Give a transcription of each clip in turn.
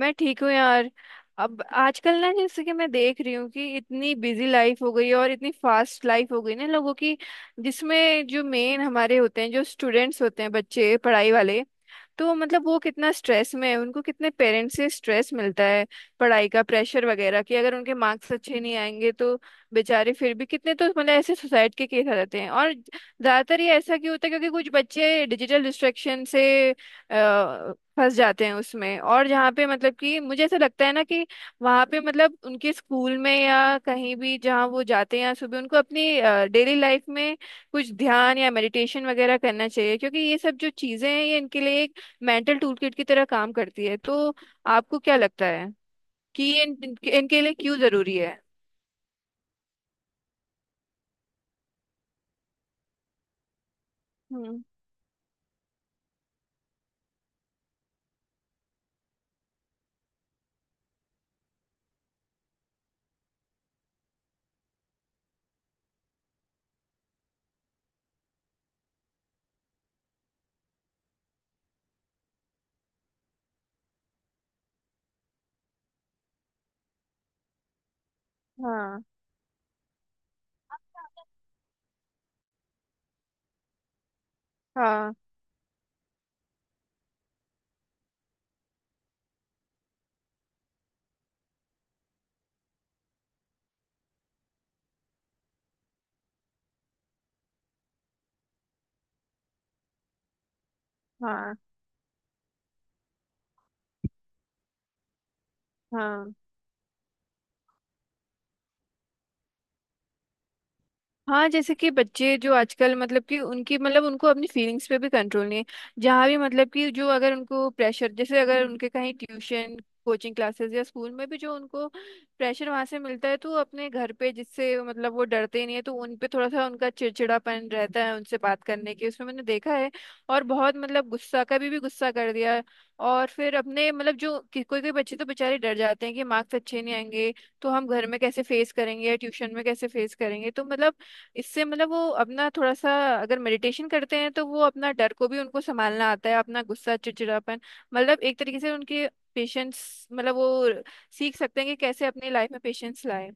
मैं ठीक हूँ यार। अब आजकल जैसे कि मैं देख रही हूँ कि इतनी बिजी लाइफ हो गई है और इतनी फास्ट लाइफ हो गई ना लोगों की, जिसमें जो मेन हमारे होते हैं जो स्टूडेंट्स होते हैं बच्चे पढ़ाई वाले, तो वो कितना स्ट्रेस में है, उनको कितने पेरेंट्स से स्ट्रेस मिलता है, पढ़ाई का प्रेशर वगैरह कि अगर उनके मार्क्स अच्छे नहीं आएंगे तो बेचारे फिर भी कितने, तो ऐसे सुसाइड के केस आ जाते हैं। और ज्यादातर ये ऐसा क्यों होता है, क्योंकि कुछ बच्चे डिजिटल डिस्ट्रैक्शन से फंस जाते हैं उसमें। और जहाँ पे मतलब कि मुझे ऐसा लगता है ना कि वहाँ पे उनके स्कूल में या कहीं भी जहाँ वो जाते हैं सुबह, उनको अपनी डेली लाइफ में कुछ ध्यान या मेडिटेशन वगैरह करना चाहिए, क्योंकि ये सब जो चीज़ें हैं ये इनके लिए एक मेंटल टूल किट की तरह काम करती है। तो आपको क्या लगता है कि ये इन, इनके इनके लिए क्यों ज़रूरी है? हम्म। हाँ। हाँ, हाँ, हाँ। हाँ, जैसे कि बच्चे जो आजकल, मतलब कि उनकी उनको अपनी फीलिंग्स पे भी कंट्रोल नहीं है। जहाँ भी मतलब कि जो अगर उनको प्रेशर, जैसे अगर उनके कहीं ट्यूशन, कोचिंग क्लासेस या स्कूल में भी जो उनको प्रेशर वहाँ से मिलता है, तो अपने घर पे, जिससे वो डरते ही नहीं है, तो उन पे थोड़ा सा उनका चिड़चिड़ापन रहता है उनसे बात करने की, उसमें मैंने देखा है। और बहुत गुस्सा, कभी भी गुस्सा कर दिया है। और फिर अपने कोई कोई बच्चे तो बेचारे डर जाते हैं कि मार्क्स अच्छे नहीं आएंगे तो हम घर में कैसे फेस करेंगे या ट्यूशन में कैसे फेस करेंगे। तो इससे वो अपना थोड़ा सा, अगर मेडिटेशन करते हैं तो वो अपना डर को भी उनको संभालना आता है, अपना गुस्सा, चिड़चिड़ापन। एक तरीके से उनके पेशेंस, वो सीख सकते हैं कि कैसे अपनी लाइफ में पेशेंस लाए।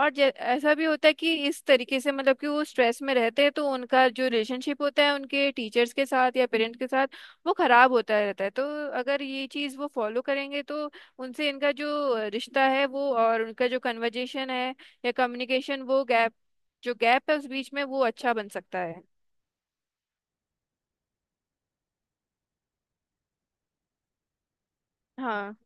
और ऐसा भी होता है कि इस तरीके से मतलब कि वो स्ट्रेस में रहते हैं तो उनका जो रिलेशनशिप होता है उनके टीचर्स के साथ या पेरेंट्स के साथ, वो खराब होता रहता है। तो अगर ये चीज़ वो फॉलो करेंगे तो उनसे इनका जो रिश्ता है वो, और उनका जो कन्वर्जेशन है या कम्युनिकेशन, वो गैप जो गैप है उस बीच में वो अच्छा बन सकता है। हाँ।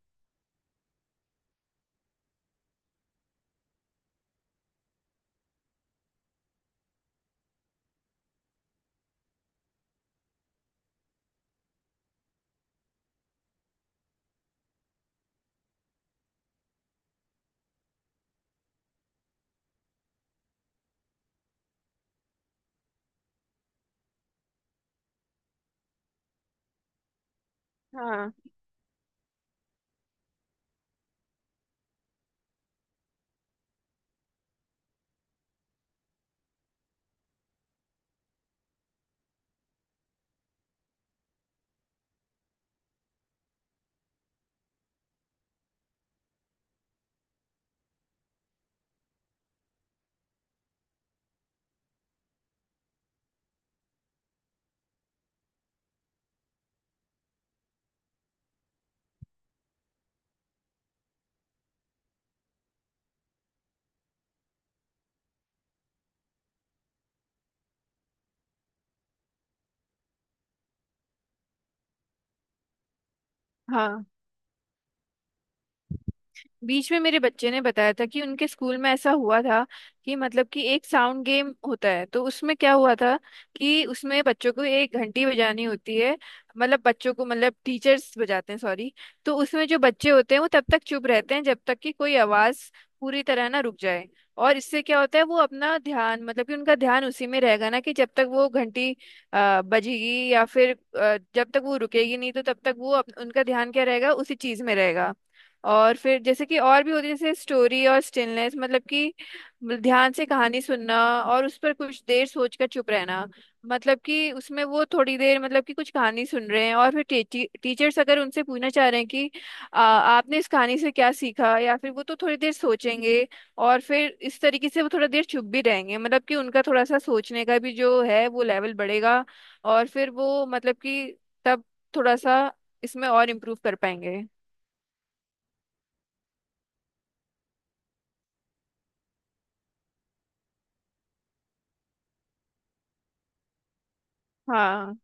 हाँ। हाँ, बीच में मेरे बच्चे ने बताया था कि उनके स्कूल में ऐसा हुआ था कि एक साउंड गेम होता है। तो उसमें क्या हुआ था कि उसमें बच्चों को एक घंटी बजानी होती है, बच्चों को टीचर्स बजाते हैं, सॉरी। तो उसमें जो बच्चे होते हैं वो तब तक चुप रहते हैं जब तक कि कोई आवाज पूरी तरह ना रुक जाए। और इससे क्या होता है, वो अपना ध्यान मतलब कि उनका ध्यान उसी में रहेगा ना, कि जब तक वो घंटी बजेगी, या फिर जब तक वो रुकेगी नहीं तो तब तक वो उनका ध्यान क्या रहेगा, उसी चीज में रहेगा। और फिर जैसे कि और भी होती है, जैसे स्टोरी और स्टिलनेस, मतलब कि ध्यान से कहानी सुनना और उस पर कुछ देर सोचकर चुप रहना। मतलब कि उसमें वो थोड़ी देर मतलब कि कुछ कहानी सुन रहे हैं, और फिर टी, टी, टीचर्स अगर उनसे पूछना चाह रहे हैं कि आपने इस कहानी से क्या सीखा, या फिर वो, तो थोड़ी देर सोचेंगे और फिर इस तरीके से वो थोड़ा देर चुप भी रहेंगे। मतलब कि उनका थोड़ा सा सोचने का भी जो है वो लेवल बढ़ेगा। और फिर वो मतलब कि तब थोड़ा सा इसमें और इम्प्रूव कर पाएंगे। हाँ,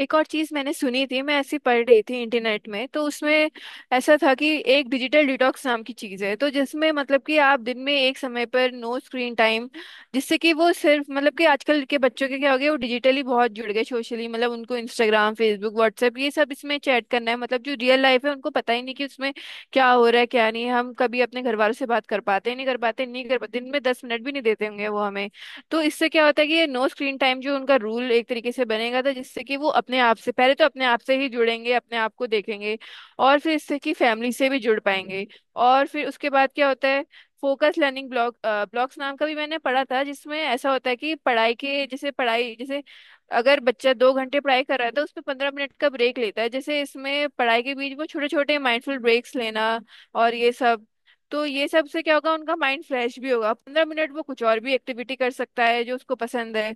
एक और चीज मैंने सुनी थी, मैं ऐसी पढ़ रही थी इंटरनेट में तो उसमें ऐसा था कि एक डिजिटल डिटॉक्स नाम की चीज है, तो जिसमें मतलब कि आप दिन में एक समय पर नो स्क्रीन टाइम, जिससे कि वो सिर्फ मतलब कि आजकल के बच्चों के क्या हो गया, वो डिजिटली बहुत जुड़ गए सोशली, उनको इंस्टाग्राम, फेसबुक, व्हाट्सएप, ये सब, इसमें चैट करना है। जो रियल लाइफ है उनको पता ही नहीं कि उसमें क्या हो रहा है क्या नहीं। हम कभी अपने घर वालों से बात कर पाते हैं, नहीं कर पाते, नहीं कर पाते, दिन में 10 मिनट भी नहीं देते होंगे वो हमें। तो इससे क्या होता है कि ये नो स्क्रीन टाइम जो उनका रूल एक तरीके से बनेगा था, जिससे कि वो अपने आप से, पहले तो अपने आप से ही जुड़ेंगे, अपने आप को देखेंगे, और फिर इससे कि फैमिली से भी जुड़ पाएंगे। और फिर उसके बाद क्या होता है, फोकस लर्निंग ब्लॉक्स नाम का भी मैंने पढ़ा था, जिसमें ऐसा होता है कि पढ़ाई के जैसे अगर बच्चा 2 घंटे पढ़ाई कर रहा है तो उसमें 15 मिनट का ब्रेक लेता है, जैसे इसमें पढ़ाई के बीच वो छोटे छोटे माइंडफुल ब्रेक्स लेना और ये सब। तो ये सब से क्या होगा, उनका माइंड फ्रेश भी होगा, 15 मिनट वो कुछ और भी एक्टिविटी कर सकता है जो उसको पसंद है।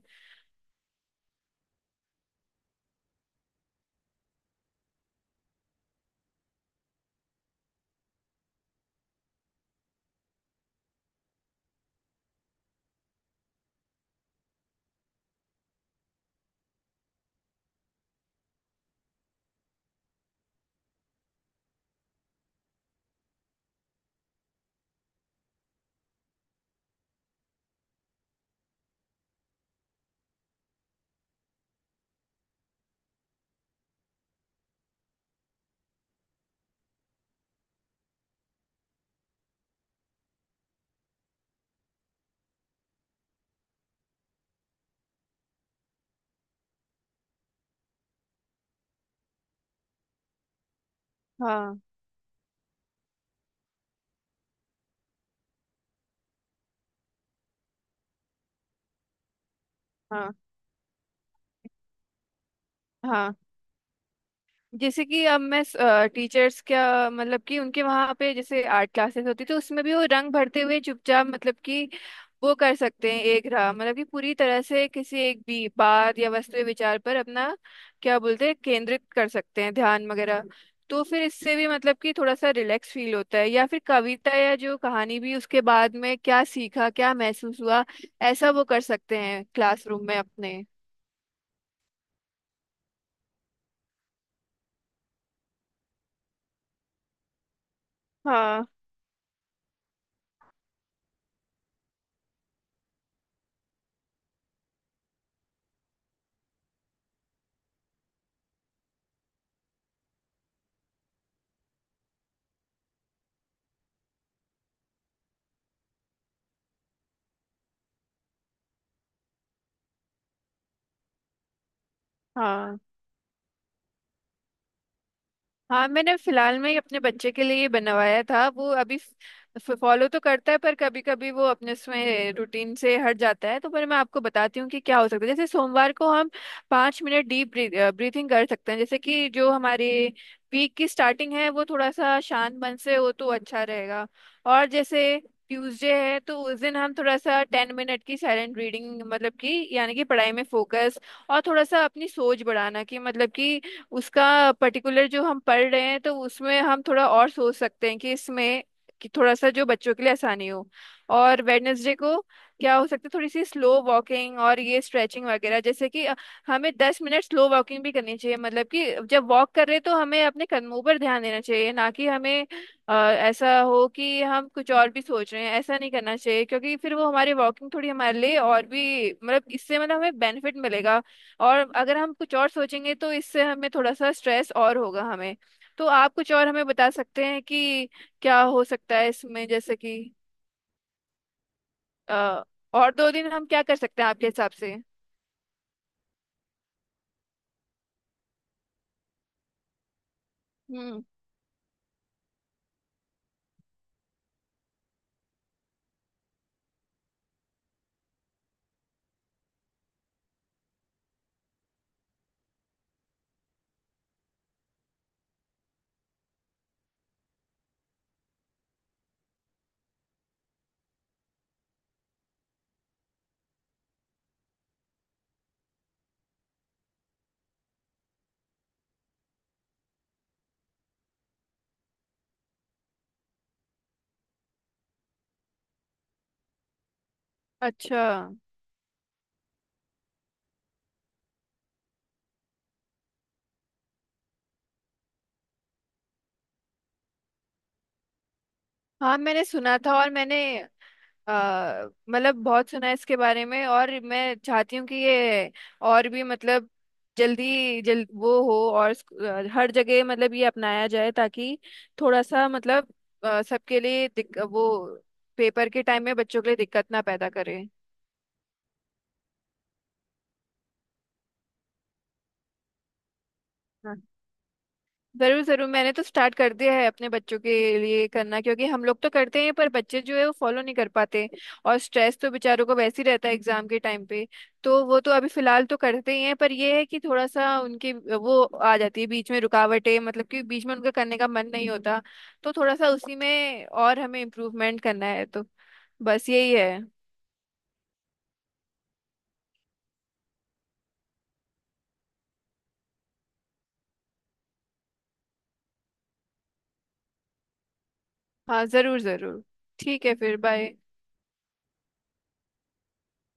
हाँ। हाँ। हाँ, जैसे कि अब मैं, टीचर्स क्या मतलब कि उनके वहां पे, जैसे आर्ट क्लासेस होती थी, उसमें भी वो रंग भरते हुए चुपचाप, मतलब कि वो कर सकते हैं एक राह, मतलब कि पूरी तरह से किसी एक भी बात या वस्तु या विचार पर अपना क्या बोलते हैं, केंद्रित कर सकते हैं, ध्यान वगैरह। तो फिर इससे भी मतलब कि थोड़ा सा रिलैक्स फील होता है, या फिर कविता या जो कहानी, भी उसके बाद में क्या सीखा क्या महसूस हुआ, ऐसा वो कर सकते हैं क्लासरूम में अपने। हाँ। हाँ। हाँ, मैंने फिलहाल में ही अपने बच्चे के लिए बनवाया था। वो अभी फॉलो तो करता है पर कभी कभी वो अपने उसमें रूटीन से हट जाता है, तो पर मैं आपको बताती हूँ कि क्या हो सकता है। जैसे सोमवार को हम 5 मिनट डीप ब्रीथिंग कर सकते हैं, जैसे कि जो हमारे वीक की स्टार्टिंग है वो थोड़ा सा शांत मन से हो तो अच्छा रहेगा। और जैसे ट्यूसडे है तो उस दिन हम थोड़ा सा 10 मिनट की साइलेंट रीडिंग, मतलब कि यानी कि पढ़ाई में फोकस और थोड़ा सा अपनी सोच बढ़ाना कि उसका पर्टिकुलर जो हम पढ़ रहे हैं तो उसमें हम थोड़ा और सोच सकते हैं कि इसमें कि थोड़ा सा जो बच्चों के लिए आसानी हो। और वेडनेसडे को क्या हो सकता है, थोड़ी सी स्लो वॉकिंग और ये स्ट्रेचिंग वगैरह, जैसे कि हमें 10 मिनट स्लो वॉकिंग भी करनी चाहिए। मतलब कि जब वॉक कर रहे हैं तो हमें अपने कदमों पर ध्यान देना चाहिए, ना कि हमें ऐसा हो कि हम कुछ और भी सोच रहे हैं, ऐसा नहीं करना चाहिए, क्योंकि फिर वो हमारी वॉकिंग थोड़ी हमारे लिए और भी इससे हमें बेनिफिट मिलेगा। और अगर हम कुछ और सोचेंगे तो इससे हमें थोड़ा सा स्ट्रेस और होगा हमें। तो आप कुछ और हमें बता सकते हैं कि क्या हो सकता है इसमें, जैसे कि अ, और दो दिन हम क्या कर सकते हैं आपके हिसाब से? हम्म। अच्छा। हाँ, मैंने सुना था, और मैंने बहुत सुना है इसके बारे में। और मैं चाहती हूँ कि ये और भी जल्दी जल्द वो हो, और हर जगह ये अपनाया जाए, ताकि थोड़ा सा सबके लिए वो पेपर के टाइम में बच्चों के लिए दिक्कत ना पैदा करे। हाँ। जरूर जरूर, मैंने तो स्टार्ट कर दिया है अपने बच्चों के लिए करना, क्योंकि हम लोग तो करते हैं पर बच्चे जो है वो फॉलो नहीं कर पाते, और स्ट्रेस तो बेचारों को वैसे ही रहता है एग्जाम के टाइम पे। तो वो तो अभी फिलहाल तो करते ही हैं, पर ये है कि थोड़ा सा उनके वो आ जाती है बीच में रुकावटें, मतलब कि बीच में उनका करने का मन नहीं होता। तो थोड़ा सा उसी में और हमें इम्प्रूवमेंट करना है, तो बस यही है। हाँ जरूर जरूर। ठीक है, फिर बाय।